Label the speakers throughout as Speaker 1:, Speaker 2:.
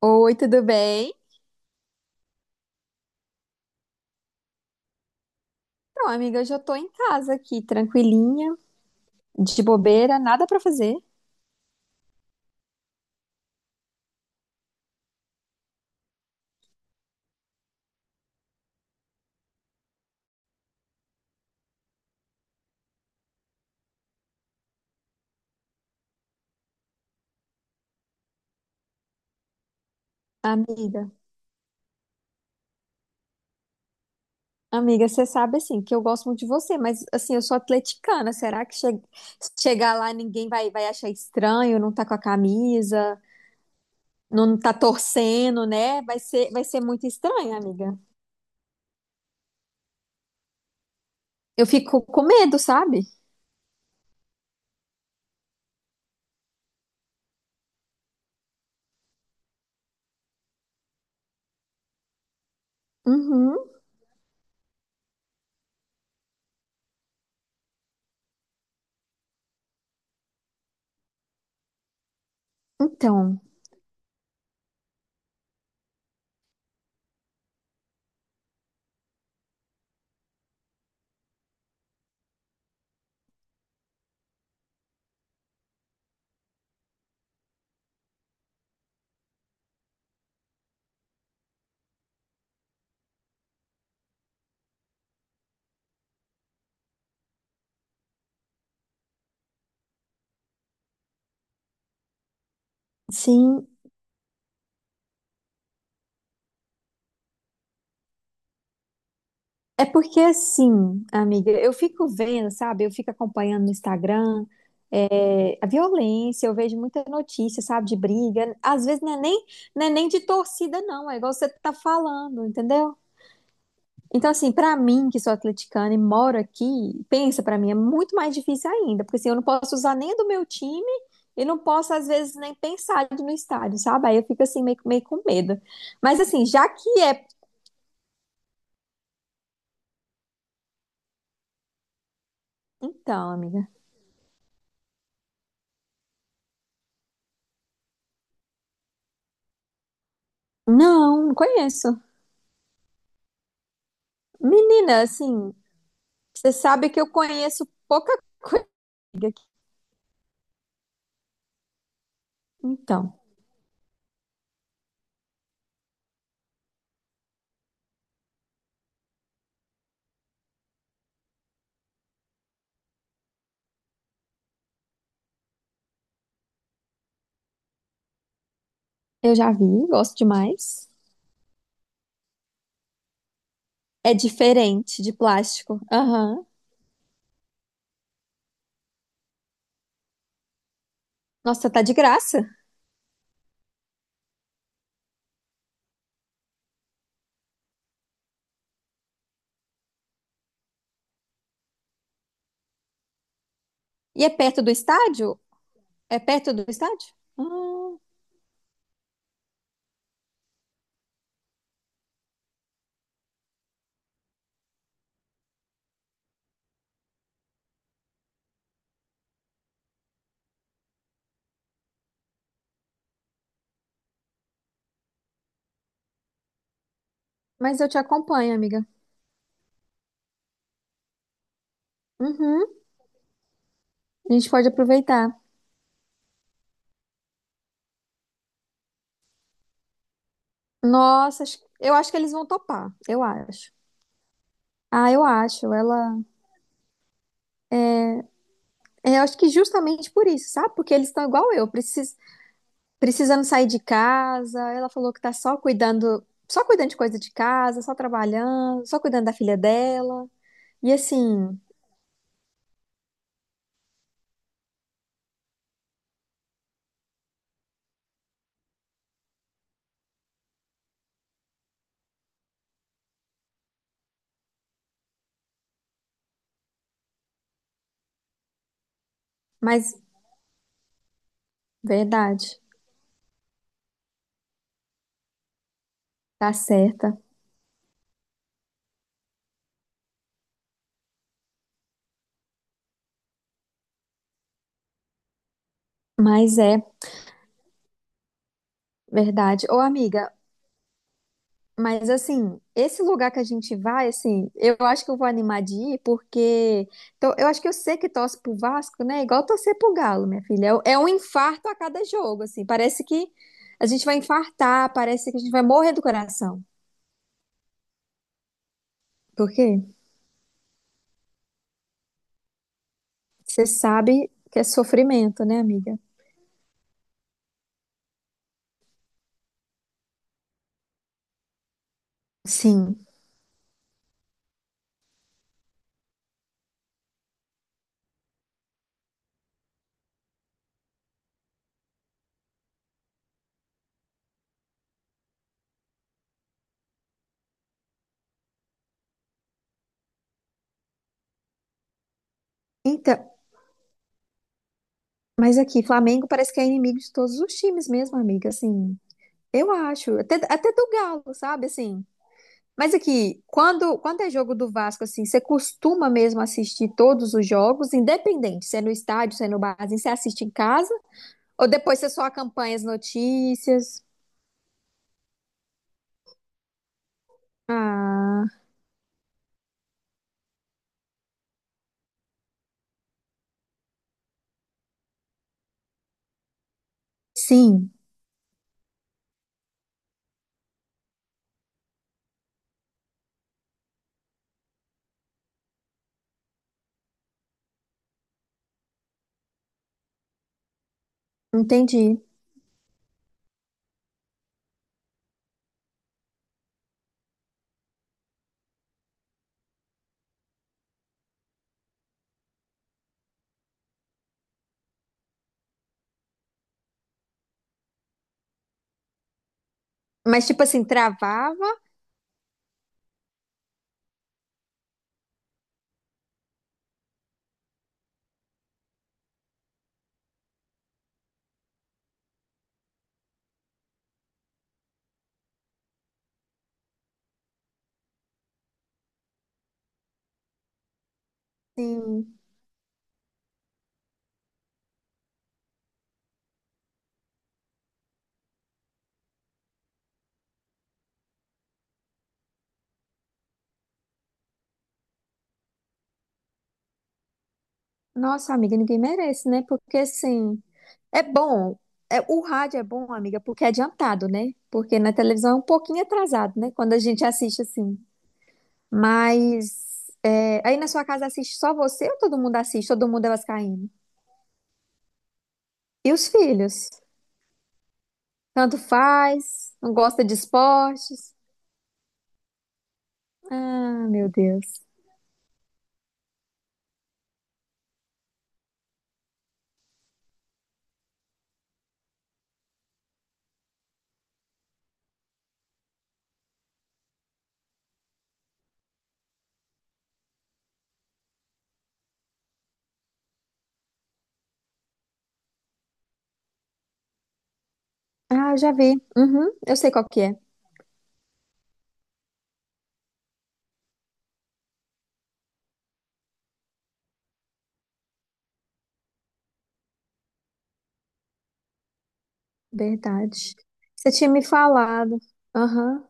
Speaker 1: Oi, tudo bem? Então, amiga, eu já tô em casa aqui, tranquilinha, de bobeira, nada pra fazer. Amiga, amiga, você sabe assim que eu gosto muito de você, mas assim, eu sou atleticana. Se chegar lá ninguém vai, vai achar estranho, não tá com a camisa, não tá torcendo, né? Vai ser muito estranho, amiga. Eu fico com medo, sabe? Uhum. Então, sim. É porque assim, amiga, eu fico vendo, sabe? Eu fico acompanhando no Instagram, a violência, eu vejo muita notícia, sabe, de briga. Às vezes não é nem, não é nem de torcida, não, é igual você tá falando, entendeu? Então, assim, pra mim, que sou atleticana e moro aqui, pensa, pra mim é muito mais difícil ainda, porque assim, eu não posso usar nem do meu time e não posso, às vezes, nem pensar de ir no estádio, sabe? Aí eu fico assim, meio com medo. Mas assim, já que é. Então, amiga. Não, não conheço. Menina, assim, você sabe que eu conheço pouca coisa. Então, eu já vi, gosto demais. É diferente de plástico. Aham. Nossa, tá de graça. E é perto do estádio? É perto do estádio? Mas eu te acompanho, amiga. Uhum. A gente pode aproveitar. Nossa, eu acho que eles vão topar. Eu acho. Ah, eu acho. Ela. Eu acho que justamente por isso, sabe? Porque eles estão igual eu. Precisando sair de casa. Ela falou que tá só cuidando de coisa de casa, só trabalhando, só cuidando da filha dela. E assim, mas verdade, tá certa. Mas é verdade. Ô, amiga, mas assim, esse lugar que a gente vai, assim, eu acho que eu vou animar de ir, porque eu acho que eu sei que torce pro Vasco, né? Igual torcer pro Galo, minha filha. É um infarto a cada jogo, assim. Parece que a gente vai infartar, parece que a gente vai morrer do coração. Por quê? Você sabe que é sofrimento, né, amiga? Sim. Então, mas aqui, Flamengo parece que é inimigo de todos os times mesmo, amiga, assim, eu acho, até do Galo, sabe, assim. Mas aqui, quando é jogo do Vasco, assim, você costuma mesmo assistir todos os jogos, independente, se é no estádio, se é no barzinho, você assiste em casa, ou depois você só acompanha as notícias? Ah, sim, entendi. Mas, tipo assim, travava? Sim. Nossa, amiga, ninguém merece, né? Porque, assim, é bom. É, o rádio é bom, amiga, porque é adiantado, né? Porque na televisão é um pouquinho atrasado, né? Quando a gente assiste assim. Mas é, aí na sua casa assiste só você ou todo mundo assiste? Todo mundo é vascaíno? E os filhos? Tanto faz, não gosta de esportes. Ah, meu Deus. Ah, já vi. Uhum, eu sei qual que é. Verdade. Você tinha me falado. Aham.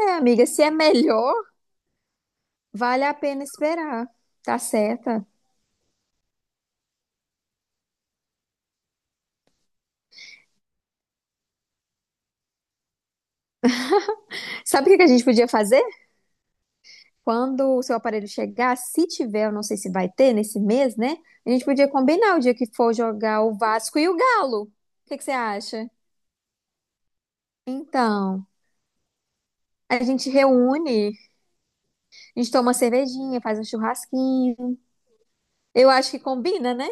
Speaker 1: É, amiga, se é melhor, vale a pena esperar. Tá certa. Sabe o que que a gente podia fazer? Quando o seu aparelho chegar, se tiver, eu não sei se vai ter nesse mês, né? A gente podia combinar o dia que for jogar o Vasco e o Galo. O que que você acha? Então, a gente reúne, a gente toma uma cervejinha, faz um churrasquinho. Eu acho que combina, né?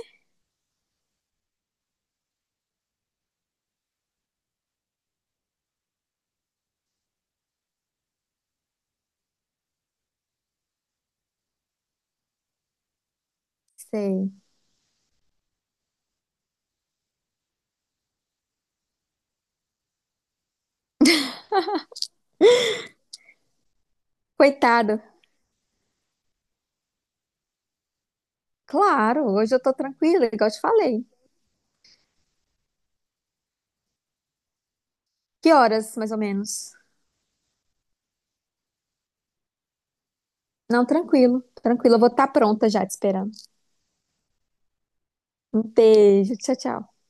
Speaker 1: Sei. Coitado. Claro, hoje eu tô tranquila, igual eu te falei. Que horas, mais ou menos? Não, tranquilo, tranquilo. Eu vou estar pronta já te esperando. Um beijo, tchau, tchau.